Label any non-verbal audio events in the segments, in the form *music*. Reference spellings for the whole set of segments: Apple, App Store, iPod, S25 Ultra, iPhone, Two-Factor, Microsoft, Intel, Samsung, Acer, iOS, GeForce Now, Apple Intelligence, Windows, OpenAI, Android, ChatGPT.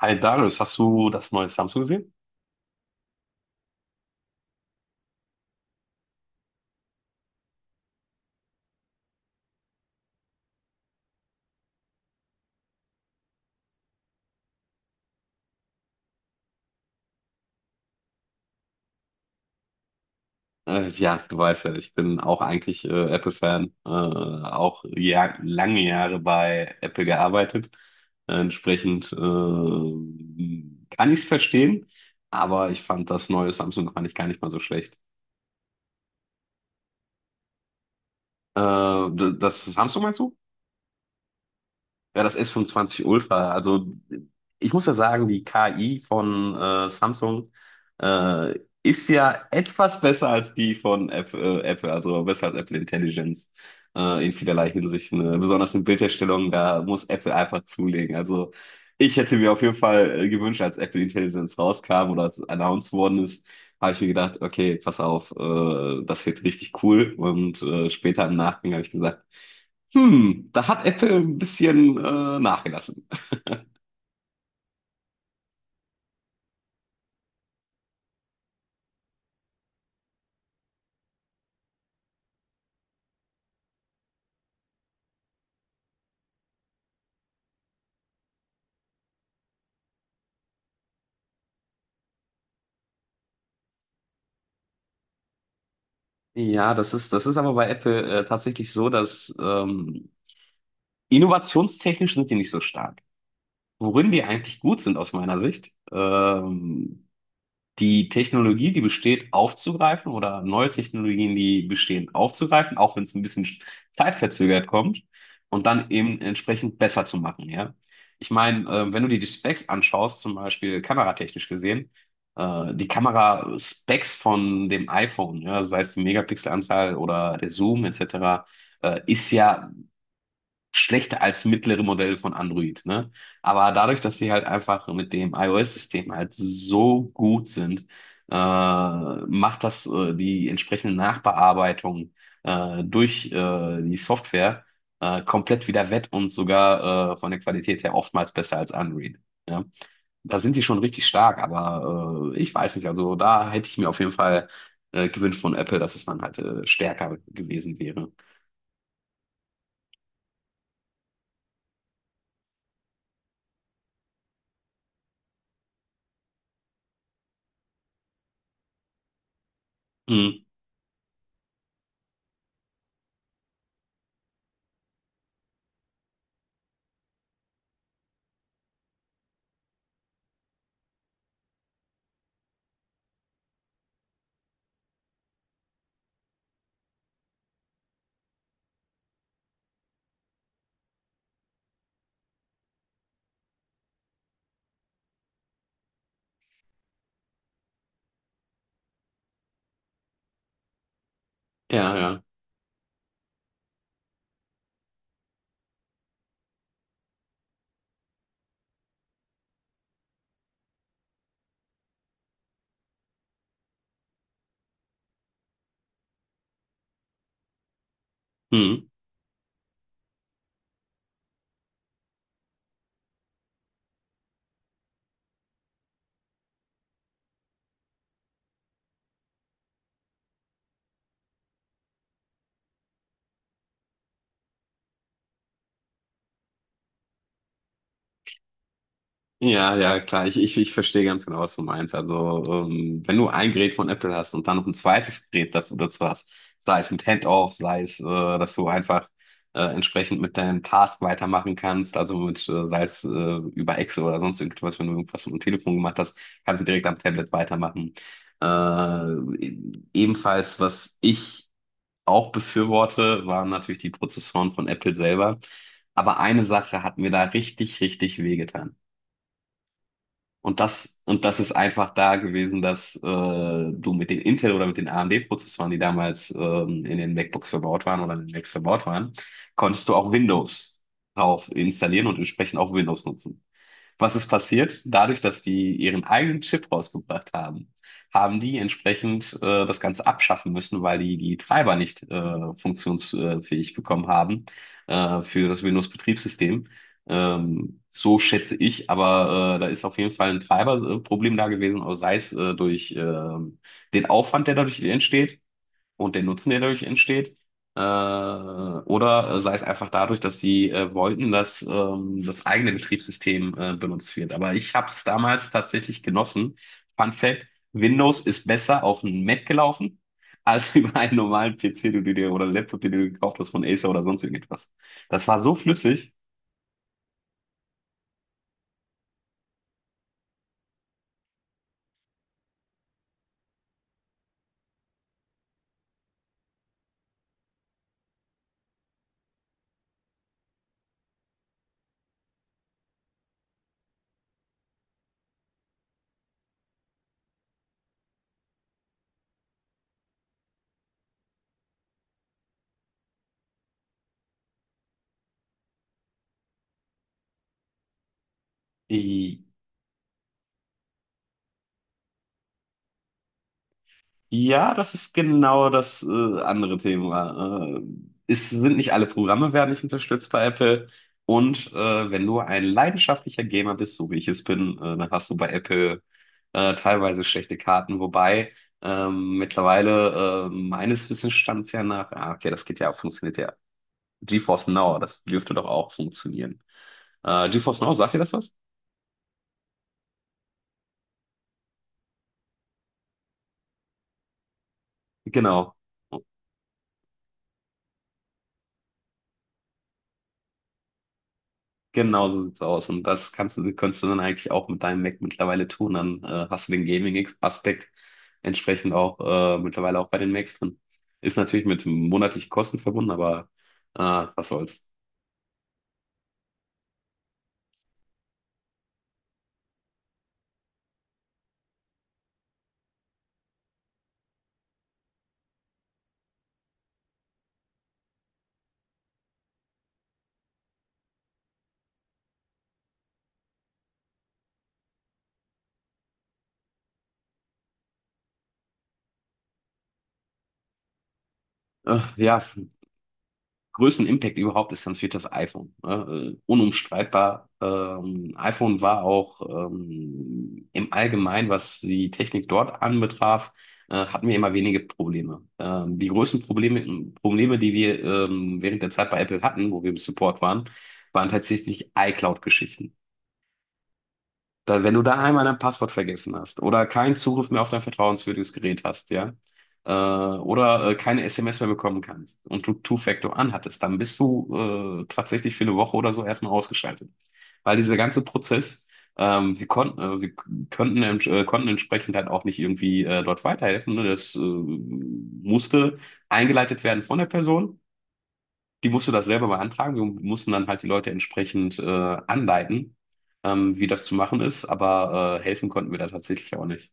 Hi Darius, hast du das neue Samsung gesehen? Ja, du weißt ja, ich bin auch eigentlich Apple-Fan, auch ja, lange Jahre bei Apple gearbeitet. Entsprechend kann ich es verstehen, aber ich fand das neue Samsung fand ich gar nicht mal so schlecht. Äh, das Samsung meinst du? Ja, das S25 Ultra. Also ich muss ja sagen, die KI von Samsung ist ja etwas besser als die von Apple, also besser als Apple Intelligence in vielerlei Hinsicht. Ne? Besonders in Bildherstellung, da muss Apple einfach zulegen. Also ich hätte mir auf jeden Fall gewünscht, als Apple Intelligence rauskam oder als announced worden ist, habe ich mir gedacht, okay, pass auf, das wird richtig cool. Und später im Nachgang habe ich gesagt, da hat Apple ein bisschen nachgelassen. Ja, das ist aber bei Apple tatsächlich so, dass innovationstechnisch sind die nicht so stark. Worin die eigentlich gut sind aus meiner Sicht, die Technologie, die besteht, aufzugreifen oder neue Technologien, die bestehen, aufzugreifen, auch wenn es ein bisschen zeitverzögert kommt und dann eben entsprechend besser zu machen, ja. Ich meine, wenn du dir die Specs anschaust, zum Beispiel kameratechnisch gesehen, die Kamera-Specs von dem iPhone, ja, sei es die Megapixelanzahl oder der Zoom etc., ist ja schlechter als mittlere Modell von Android, ne? Aber dadurch, dass sie halt einfach mit dem iOS-System halt so gut sind, macht das die entsprechende Nachbearbeitung durch die Software komplett wieder wett und sogar von der Qualität her oftmals besser als Android. Ja? Da sind die schon richtig stark, aber ich weiß nicht, also da hätte ich mir auf jeden Fall gewünscht von Apple, dass es dann halt stärker gewesen wäre. Hm, ja, ja. Hm. Ja, ja, klar. Ich verstehe ganz genau, was du meinst. Also, wenn du ein Gerät von Apple hast und dann noch ein zweites Gerät dafür, dazu hast, sei es mit Handoff, sei es, dass du einfach entsprechend mit deinem Task weitermachen kannst, also mit, sei es über Excel oder sonst irgendwas, wenn du irgendwas mit dem Telefon gemacht hast, kannst du direkt am Tablet weitermachen. Äh, ebenfalls, was ich auch befürworte, waren natürlich die Prozessoren von Apple selber. Aber eine Sache hat mir da richtig, richtig wehgetan. Und das ist einfach da gewesen, dass du mit den Intel oder mit den AMD-Prozessoren, die damals in den MacBooks verbaut waren oder in den Macs verbaut waren, konntest du auch Windows drauf installieren und entsprechend auch Windows nutzen. Was ist passiert? Dadurch, dass die ihren eigenen Chip rausgebracht haben, haben die entsprechend das Ganze abschaffen müssen, weil die die Treiber nicht funktionsfähig bekommen haben für das Windows-Betriebssystem. So schätze ich, aber da ist auf jeden Fall ein Treiberproblem da gewesen, auch sei es durch den Aufwand, der dadurch entsteht, und den Nutzen, der dadurch entsteht. Oder sei es einfach dadurch, dass sie wollten, dass das eigene Betriebssystem benutzt wird. Aber ich habe es damals tatsächlich genossen. Fun Fact, Windows ist besser auf einem Mac gelaufen, als *laughs* über einen normalen PC, den du dir oder Laptop, den du dir gekauft hast von Acer oder sonst irgendetwas. Das war so flüssig. Ja, das ist genau das andere Thema. Es sind nicht alle Programme werden nicht unterstützt bei Apple. Und wenn du ein leidenschaftlicher Gamer bist, so wie ich es bin, dann hast du bei Apple teilweise schlechte Karten. Wobei mittlerweile meines Wissensstands ja nach, ah, okay, das geht ja, funktioniert ja. GeForce Now, das dürfte doch auch funktionieren. GeForce Now, sagt dir das was? Genau. Genau so sieht's aus. Und das kannst du, könntest du dann eigentlich auch mit deinem Mac mittlerweile tun. Dann hast du den Gaming-Aspekt entsprechend auch mittlerweile auch bei den Macs drin. Ist natürlich mit monatlichen Kosten verbunden, aber was soll's. Ja, größten Impact überhaupt ist, dann fehlt das iPhone. Ne? Unumstreitbar. iPhone war auch im Allgemeinen, was die Technik dort anbetraf, hatten wir immer wenige Probleme. Die größten Probleme, die wir während der Zeit bei Apple hatten, wo wir im Support waren, waren tatsächlich iCloud-Geschichten. Da, wenn du da einmal dein Passwort vergessen hast oder keinen Zugriff mehr auf dein vertrauenswürdiges Gerät hast, ja, oder keine SMS mehr bekommen kannst und du Two-Factor anhattest, dann bist du tatsächlich für eine Woche oder so erstmal ausgeschaltet. Weil dieser ganze Prozess, wir konnten, wir könnten, ents- konnten entsprechend halt auch nicht irgendwie dort weiterhelfen. Ne? Das musste eingeleitet werden von der Person. Die musste das selber beantragen. Wir mussten dann halt die Leute entsprechend anleiten, wie das zu machen ist. Aber helfen konnten wir da tatsächlich auch nicht.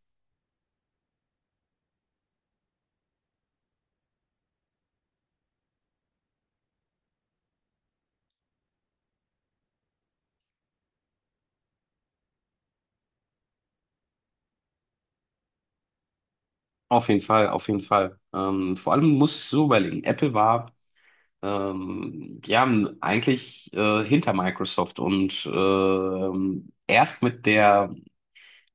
Auf jeden Fall, auf jeden Fall. Vor allem muss ich so überlegen. Apple war, die haben eigentlich hinter Microsoft und erst mit der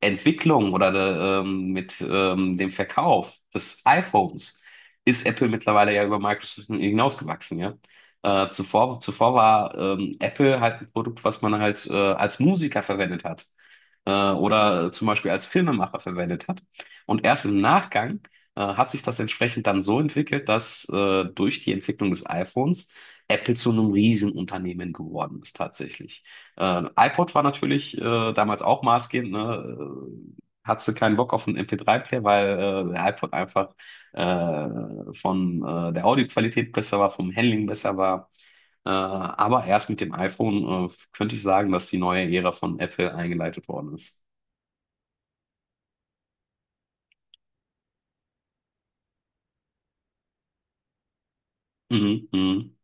Entwicklung oder mit dem Verkauf des iPhones ist Apple mittlerweile ja über Microsoft hinausgewachsen, ja. Zuvor war Apple halt ein Produkt, was man halt als Musiker verwendet hat oder zum Beispiel als Filmemacher verwendet hat. Und erst im Nachgang hat sich das entsprechend dann so entwickelt, dass durch die Entwicklung des iPhones Apple zu einem Riesenunternehmen geworden ist tatsächlich. iPod war natürlich damals auch maßgebend, ne? Hatte keinen Bock auf einen MP3-Player, weil der iPod einfach äh, von der Audioqualität besser war, vom Handling besser war. Aber erst mit dem iPhone könnte ich sagen, dass die neue Ära von Apple eingeleitet worden ist. Mhm, mhm,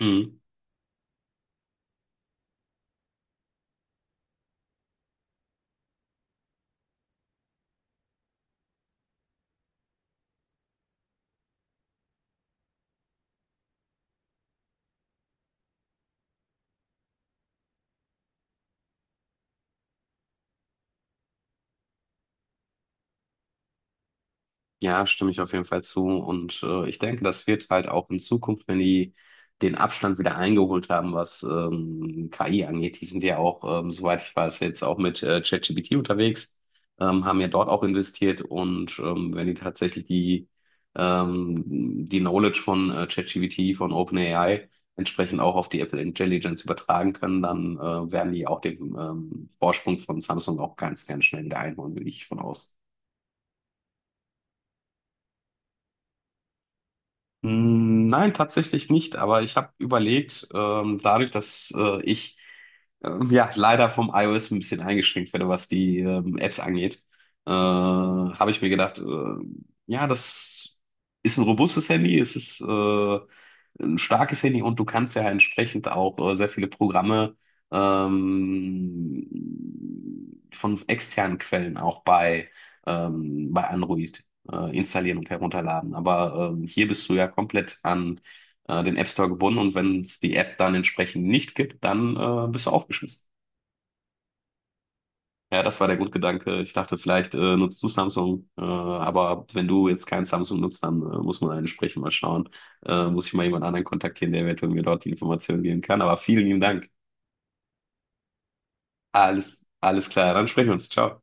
mhm. Ja, stimme ich auf jeden Fall zu. Und ich denke, das wird halt auch in Zukunft, wenn die den Abstand wieder eingeholt haben, was KI angeht, die sind ja auch, soweit ich weiß, jetzt auch mit ChatGPT unterwegs, haben ja dort auch investiert. Und wenn die tatsächlich ähm, die Knowledge von ChatGPT, von OpenAI, entsprechend auch auf die Apple Intelligence übertragen können, dann werden die auch den Vorsprung von Samsung auch ganz, ganz schnell wieder einholen, bin ich von aus. Mm, nein, tatsächlich nicht, aber ich habe überlegt, dadurch, dass ich ja leider vom iOS ein bisschen eingeschränkt werde, was die Apps angeht, habe ich mir gedacht, ja, das ist ein robustes Handy, es ist ein starkes Handy und du kannst ja entsprechend auch sehr viele Programme von externen Quellen auch bei Android installieren und herunterladen. Aber hier bist du ja komplett an den App Store gebunden und wenn es die App dann entsprechend nicht gibt, dann bist du aufgeschmissen. Ja, das war der Grundgedanke. Ich dachte, vielleicht nutzt du Samsung, aber wenn du jetzt kein Samsung nutzt, dann muss man entsprechend mal schauen. Muss ich mal jemand anderen kontaktieren, der eventuell mir dort die Informationen geben kann. Aber vielen lieben Dank. Alles, alles klar. Dann sprechen wir uns. Ciao.